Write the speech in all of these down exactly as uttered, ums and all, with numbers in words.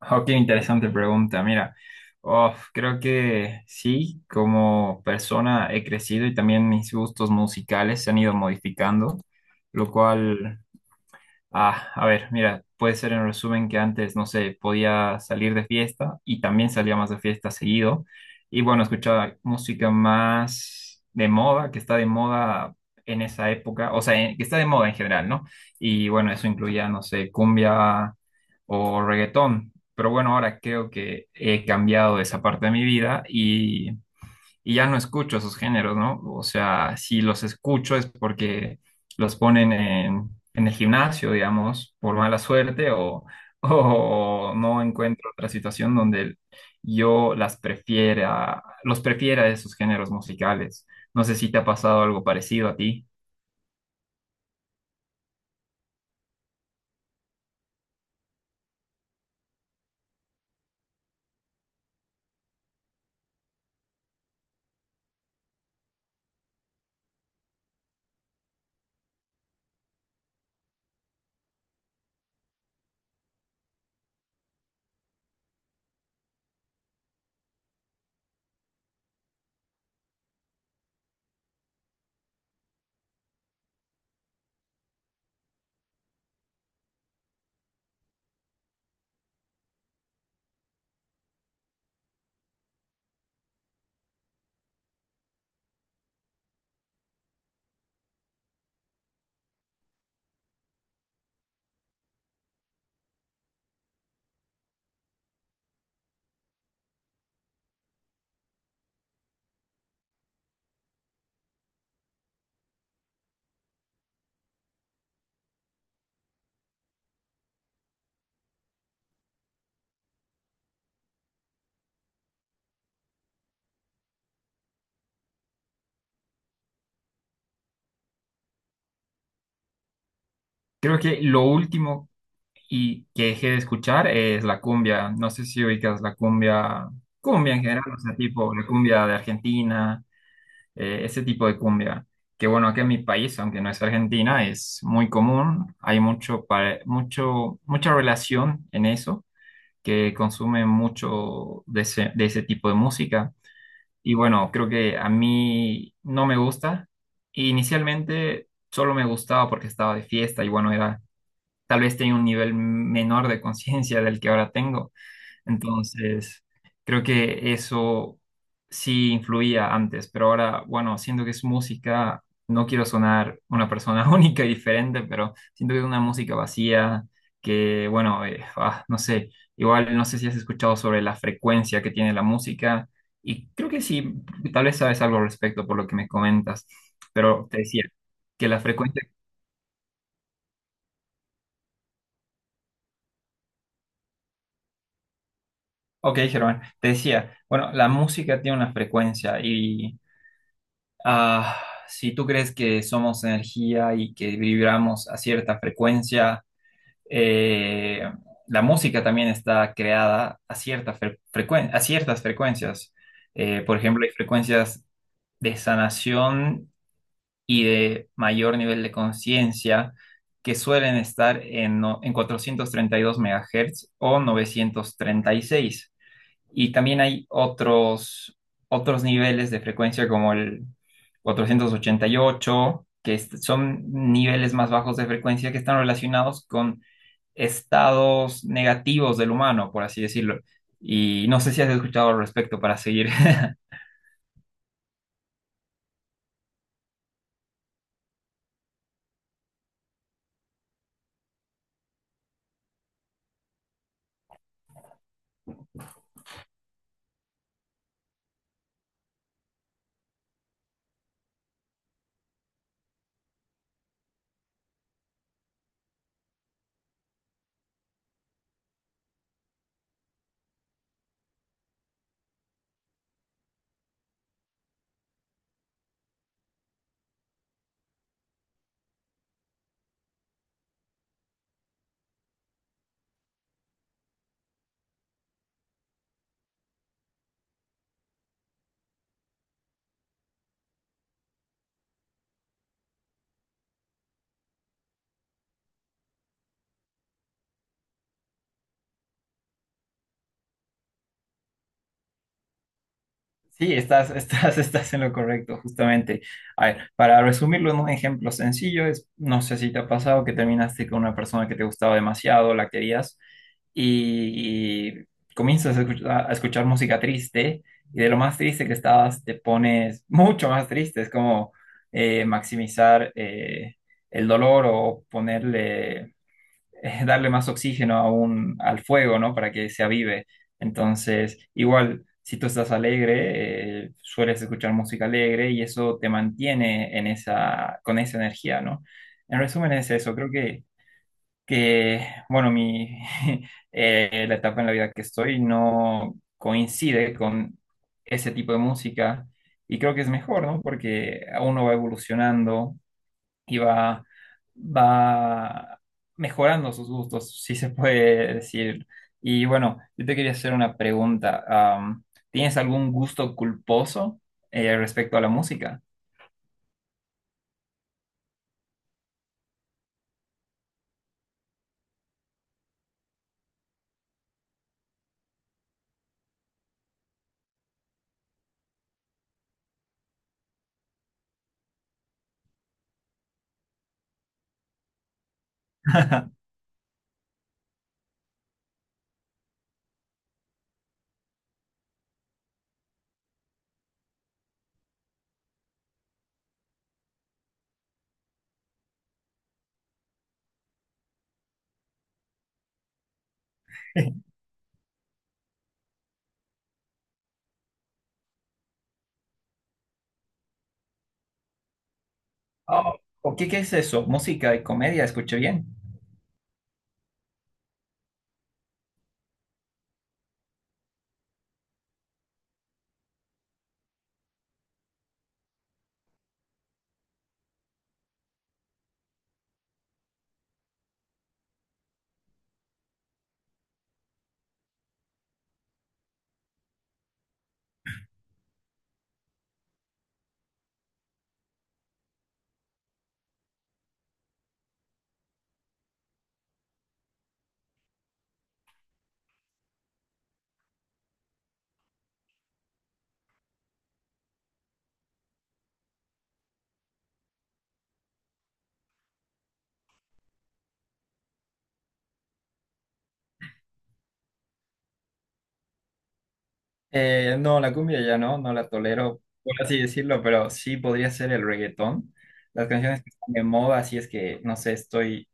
Oh, qué interesante pregunta. Mira, uf, creo que sí, como persona he crecido y también mis gustos musicales se han ido modificando, lo cual. Ah, a ver, mira, puede ser en resumen que antes, no sé, podía salir de fiesta y también salía más de fiesta seguido. Y bueno, escuchaba música más de moda, que está de moda en esa época, o sea, en- que está de moda en general, ¿no? Y bueno, eso incluía, no sé, cumbia o reggaetón. Pero bueno, ahora creo que he cambiado esa parte de mi vida y y ya no escucho esos géneros, ¿no? O sea, si los escucho es porque los ponen en, en el gimnasio, digamos, por mala suerte o, o no encuentro otra situación donde yo las prefiera, los prefiera esos géneros musicales. No sé si te ha pasado algo parecido a ti. Creo que lo último y que dejé de escuchar es la cumbia. No sé si ubicas la cumbia, cumbia en general, o sea, tipo la cumbia de Argentina, eh, ese tipo de cumbia. Que bueno, acá en mi país, aunque no es Argentina, es muy común. Hay mucho, pare- mucho, mucha relación en eso, que consumen mucho de ese, de ese tipo de música. Y bueno, creo que a mí no me gusta. Inicialmente solo me gustaba porque estaba de fiesta y bueno, era, tal vez tenía un nivel menor de conciencia del que ahora tengo. Entonces, creo que eso sí influía antes, pero ahora, bueno, siento que es música, no quiero sonar una persona única y diferente, pero siento que es una música vacía, que, bueno, eh, ah, no sé, igual no sé si has escuchado sobre la frecuencia que tiene la música, y creo que sí, tal vez sabes algo al respecto por lo que me comentas, pero te decía que la frecuencia... Ok, Germán, te decía, bueno, la música tiene una frecuencia. Ah, si tú crees que somos energía y que vibramos a cierta frecuencia, eh, la música también está creada a cierta fre- frecuen- a ciertas frecuencias. Eh, por ejemplo, hay frecuencias de sanación y de mayor nivel de conciencia que suelen estar en, no- en cuatrocientos treinta y dos megahercios MHz o novecientos treinta y seis. Y también hay otros, otros niveles de frecuencia como el cuatrocientos ochenta y ocho que est- son niveles más bajos de frecuencia que están relacionados con estados negativos del humano, por así decirlo. Y no sé si has escuchado al respecto para seguir. Sí, estás, estás, estás en lo correcto, justamente. A ver, para resumirlo en un ejemplo sencillo, es, no sé si te ha pasado que terminaste con una persona que te gustaba demasiado, la querías, y, y comienzas a escuchar, a escuchar música triste, y de lo más triste que estabas, te pones mucho más triste. Es como eh, maximizar eh, el dolor o ponerle eh, darle más oxígeno a un- al fuego, ¿no? Para que se avive. Entonces, igual, si tú estás alegre, eh, sueles escuchar música alegre y eso te mantiene en esa, con esa energía, ¿no? En resumen es eso, creo que, que bueno, mi, eh, la etapa en la vida que estoy no coincide con ese tipo de música y creo que es mejor, ¿no? Porque uno va evolucionando, y va, va mejorando sus gustos, si se puede decir. Y bueno, yo te quería hacer una pregunta. am, ¿Tienes algún gusto culposo eh, respecto a la música? Oh, ¿o qué, qué es eso? ¿Música y comedia? ¿Escuché bien? Eh, no, la cumbia ya no, no la tolero, por así decirlo, pero sí podría ser el reggaetón. Las canciones que están de moda, si es que, no sé, estoy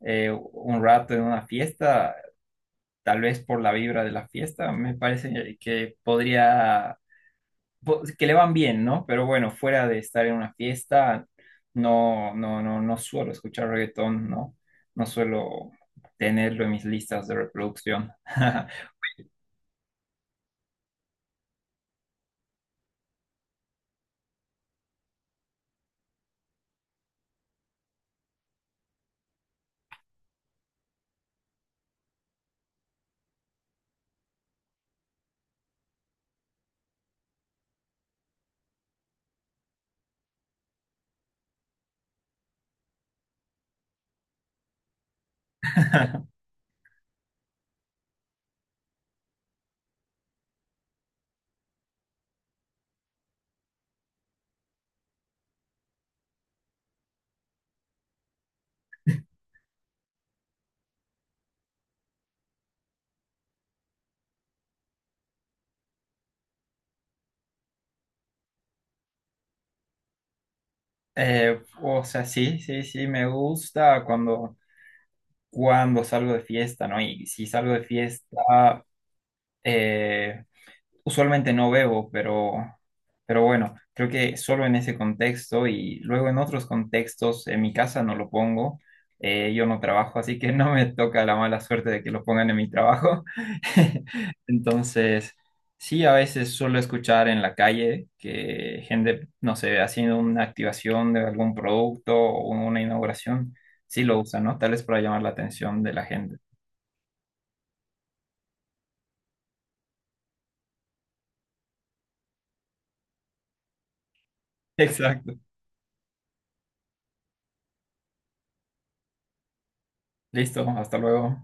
eh, un rato en una fiesta, tal vez por la vibra de la fiesta, me parece que podría, po- que le van bien, ¿no? Pero bueno, fuera de estar en una fiesta, no, no, no, no suelo escuchar reggaetón, ¿no? No suelo tenerlo en mis listas de reproducción. Eh, o sea, sí, sí, sí, me gusta cuando cuando salgo de fiesta, ¿no? Y si salgo de fiesta, eh, usualmente no bebo, pero, pero bueno, creo que solo en ese contexto y luego en otros contextos, en mi casa no lo pongo, eh, yo no trabajo, así que no me toca la mala suerte de que lo pongan en mi trabajo. Entonces, sí, a veces suelo escuchar en la calle que gente, no sé, haciendo una activación de algún producto o una inauguración, sí lo usan, ¿no? Tal vez para llamar la atención de la gente. Exacto. Listo, hasta luego.